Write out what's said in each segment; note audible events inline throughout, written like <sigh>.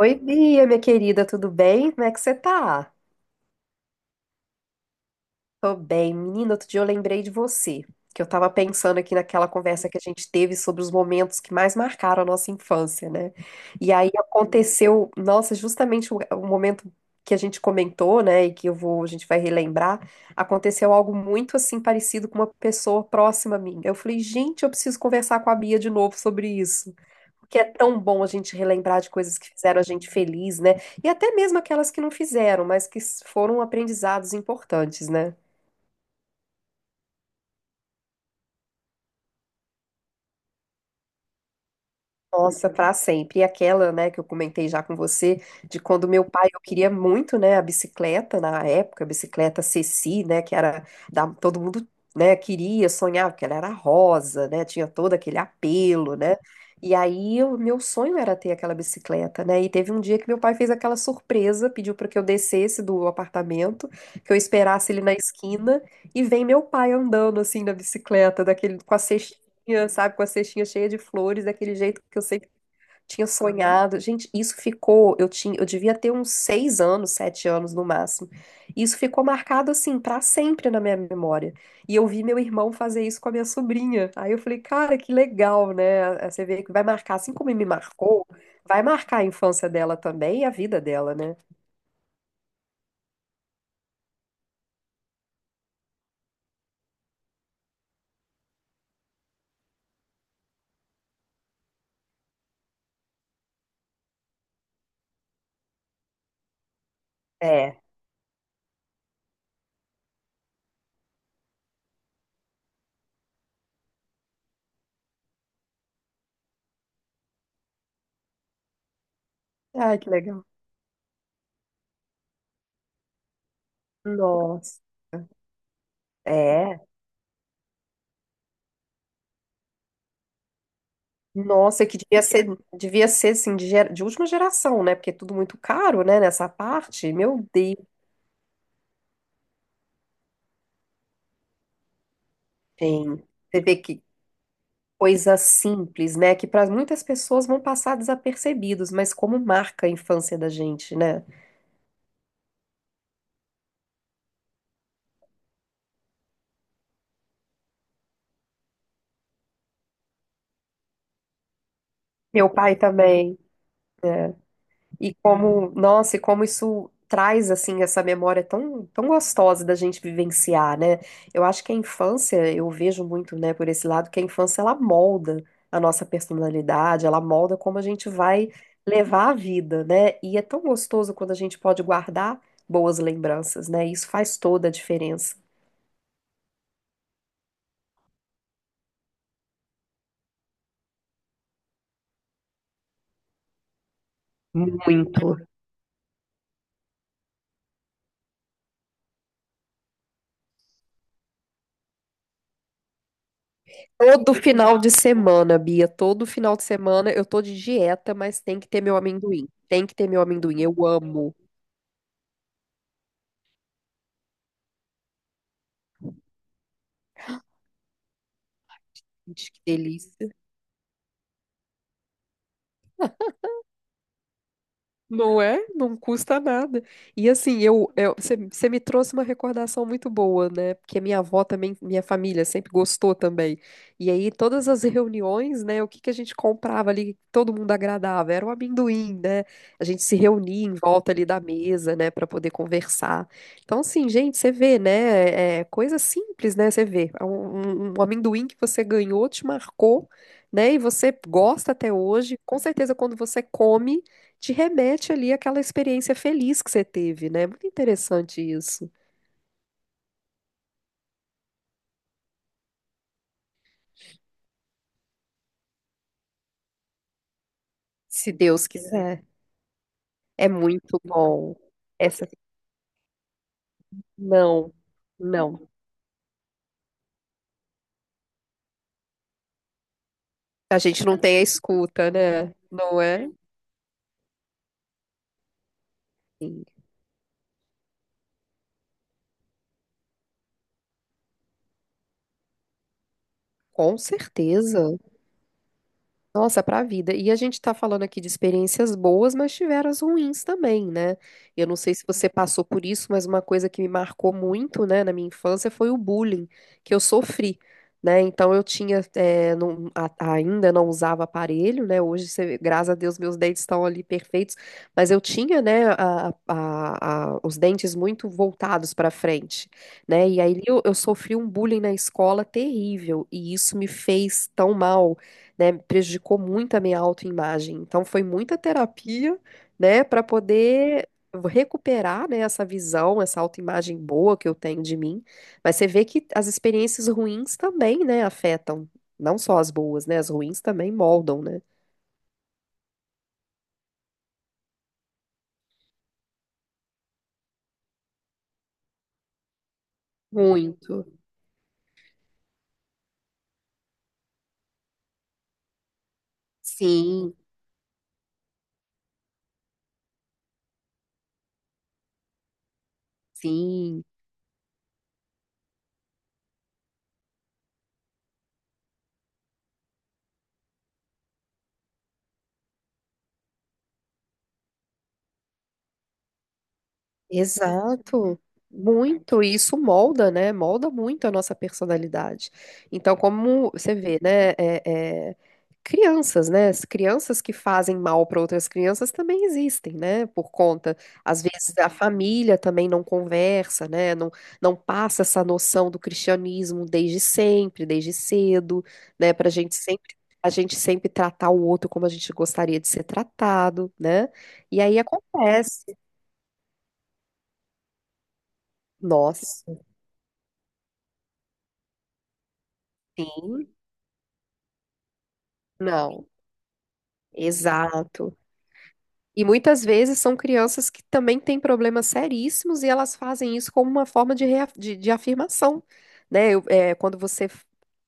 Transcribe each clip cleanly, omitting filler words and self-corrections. Oi, Bia, minha querida, tudo bem? Como é que você tá? Tô bem. Menina, outro dia eu lembrei de você, que eu tava pensando aqui naquela conversa que a gente teve sobre os momentos que mais marcaram a nossa infância, né? E aí aconteceu, nossa, justamente o momento que a gente comentou, né, e que a gente vai relembrar, aconteceu algo muito assim parecido com uma pessoa próxima a mim. Eu falei, gente, eu preciso conversar com a Bia de novo sobre isso. Porque é tão bom a gente relembrar de coisas que fizeram a gente feliz, né? E até mesmo aquelas que não fizeram, mas que foram aprendizados importantes, né? Nossa, para sempre. E aquela, né, que eu comentei já com você, de quando meu pai, eu queria muito, né, a bicicleta na época, a bicicleta Ceci, né, que era todo mundo, né, queria, sonhava, porque ela era rosa, né, tinha todo aquele apelo, né? E aí o meu sonho era ter aquela bicicleta, né? E teve um dia que meu pai fez aquela surpresa, pediu para que eu descesse do apartamento, que eu esperasse ele na esquina, e vem meu pai andando assim na bicicleta, daquele com a cestinha, sabe? Com a cestinha cheia de flores, daquele jeito que eu sempre tinha sonhado. Gente, isso ficou. Eu tinha, eu devia ter uns 6 anos, 7 anos no máximo. Isso ficou marcado assim pra sempre na minha memória. E eu vi meu irmão fazer isso com a minha sobrinha. Aí eu falei, cara, que legal, né? Aí você vê que vai marcar, assim como me marcou, vai marcar a infância dela também e a vida dela, né? É, ai, que legal. Nossa. É. Nossa, que devia ser assim, de última geração, né? Porque é tudo muito caro, né? Nessa parte. Meu Deus, gente. Você vê que coisa simples, né? Que para muitas pessoas vão passar desapercebidos, mas como marca a infância da gente, né? Meu pai também. Né? E como, nossa, e como isso traz assim essa memória tão, tão gostosa da gente vivenciar, né? Eu acho que a infância, eu vejo muito, né, por esse lado, que a infância ela molda a nossa personalidade, ela molda como a gente vai levar a vida, né? E é tão gostoso quando a gente pode guardar boas lembranças, né? Isso faz toda a diferença. Muito. Todo final de semana, Bia, todo final de semana eu tô de dieta, mas tem que ter meu amendoim. Tem que ter meu amendoim, eu amo. Gente, que delícia. Não é? Não custa nada. E assim, eu, você me trouxe uma recordação muito boa, né? Porque minha avó também, minha família sempre gostou também. E aí, todas as reuniões, né? O que que a gente comprava ali, que todo mundo agradava? Era o amendoim, né? A gente se reunia em volta ali da mesa, né? Para poder conversar. Então, assim, gente, você vê, né? É coisa simples, né? Você vê. Um amendoim que você ganhou te marcou. Né, e você gosta até hoje, com certeza quando você come, te remete ali àquela experiência feliz que você teve, né? Muito interessante isso. Se Deus quiser. É muito bom. Essa não, não. A gente não tem a escuta, né? Não é? Sim, com certeza. Nossa, para a vida. E a gente está falando aqui de experiências boas, mas tiveram as ruins também, né? Eu não sei se você passou por isso, mas uma coisa que me marcou muito, né, na minha infância foi o bullying que eu sofri, né? Então eu tinha, ainda não usava aparelho, né? Hoje, graças a Deus, meus dentes estão ali perfeitos, mas eu tinha, né, os dentes muito voltados para frente, né? E aí eu sofri um bullying na escola terrível, e isso me fez tão mal, né, prejudicou muito a minha autoimagem. Então foi muita terapia, né, para poder recuperar, né, essa visão, essa autoimagem boa que eu tenho de mim. Mas você vê que as experiências ruins também, né, afetam, não só as boas, né, as ruins também moldam, né? Muito. Sim, sim. Exato, muito, e isso molda, né? Molda muito a nossa personalidade. Então, como você vê, né? É, Crianças, né? As crianças que fazem mal para outras crianças também existem, né? Por conta, às vezes a família também não conversa, né? Não, não passa essa noção do cristianismo desde sempre, desde cedo, né? Para a gente sempre tratar o outro como a gente gostaria de ser tratado, né? E aí acontece. Nossa. Sim, não, exato. E muitas vezes são crianças que também têm problemas seríssimos e elas fazem isso como uma forma de, de afirmação, né? Quando você,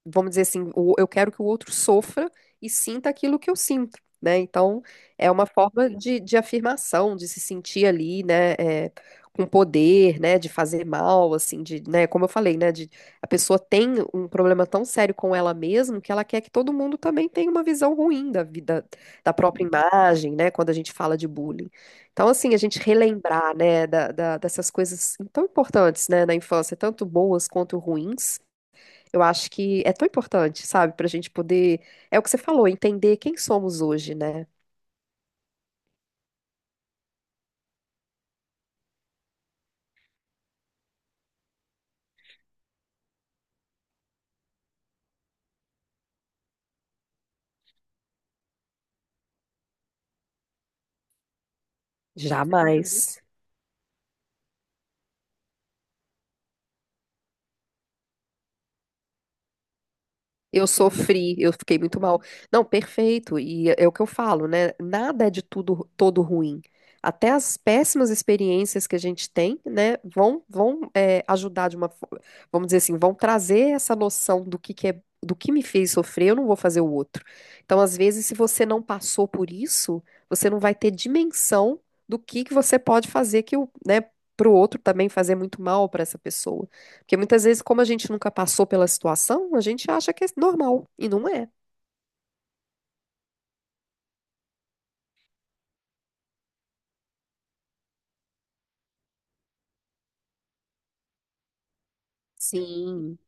vamos dizer assim, eu quero que o outro sofra e sinta aquilo que eu sinto, né? Então, é uma forma de afirmação, de se sentir ali, né? Com poder, né? De fazer mal, assim, de, né? Como eu falei, né? A pessoa tem um problema tão sério com ela mesma que ela quer que todo mundo também tenha uma visão ruim da vida da própria imagem, né, quando a gente fala de bullying. Então, assim, a gente relembrar, né, dessas coisas tão importantes, né, na infância, tanto boas quanto ruins, eu acho que é tão importante, sabe, para a gente poder, é o que você falou, entender quem somos hoje, né? Jamais. Eu sofri, eu fiquei muito mal. Não, perfeito. E é o que eu falo, né? Nada é de tudo todo ruim. Até as péssimas experiências que a gente tem, né, vão ajudar de uma, vamos dizer assim, vão trazer essa noção do que é, do que me fez sofrer, eu não vou fazer o outro. Então, às vezes, se você não passou por isso, você não vai ter dimensão do que você pode fazer que o, né, pro outro também fazer muito mal para essa pessoa. Porque muitas vezes, como a gente nunca passou pela situação, a gente acha que é normal, e não é. Sim,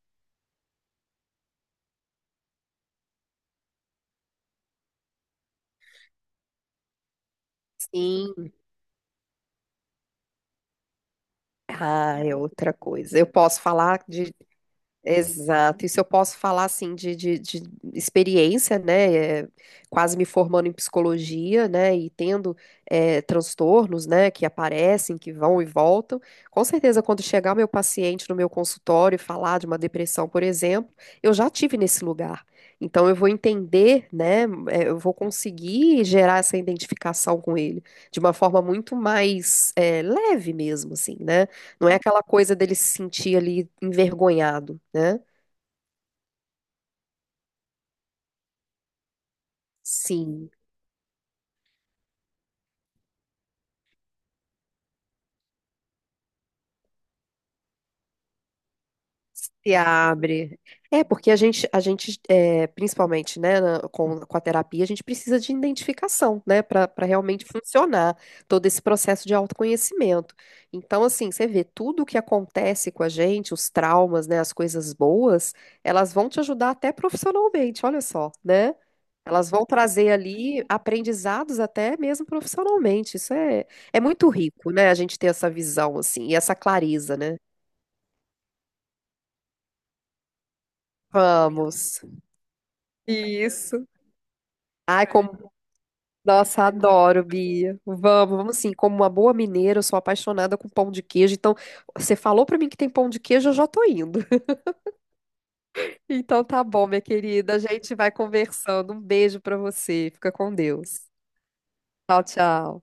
sim. Ah, é outra coisa. Eu posso falar de Exato. Isso eu posso falar assim de experiência, né? Quase me formando em psicologia, né? E tendo transtornos, né? Que aparecem, que vão e voltam. Com certeza, quando chegar o meu paciente no meu consultório e falar de uma depressão, por exemplo, eu já tive nesse lugar. Então, eu vou entender, né? Eu vou conseguir gerar essa identificação com ele de uma forma muito mais leve mesmo, assim, né? Não é aquela coisa dele se sentir ali envergonhado, né? Sim. Se abre. É, porque a gente principalmente, né, com a terapia, a gente precisa de identificação, né, para realmente funcionar todo esse processo de autoconhecimento. Então, assim, você vê tudo o que acontece com a gente, os traumas, né, as coisas boas, elas vão te ajudar até profissionalmente, olha só, né? Elas vão trazer ali aprendizados até mesmo profissionalmente. Isso é muito rico, né, a gente ter essa visão, assim, e essa clareza, né? Vamos. Isso. Ai, como. Nossa, adoro, Bia. Vamos, vamos sim. Como uma boa mineira, eu sou apaixonada com pão de queijo. Então, você falou pra mim que tem pão de queijo, eu já tô indo. <laughs> Então, tá bom, minha querida. A gente vai conversando. Um beijo pra você. Fica com Deus. Tchau, tchau.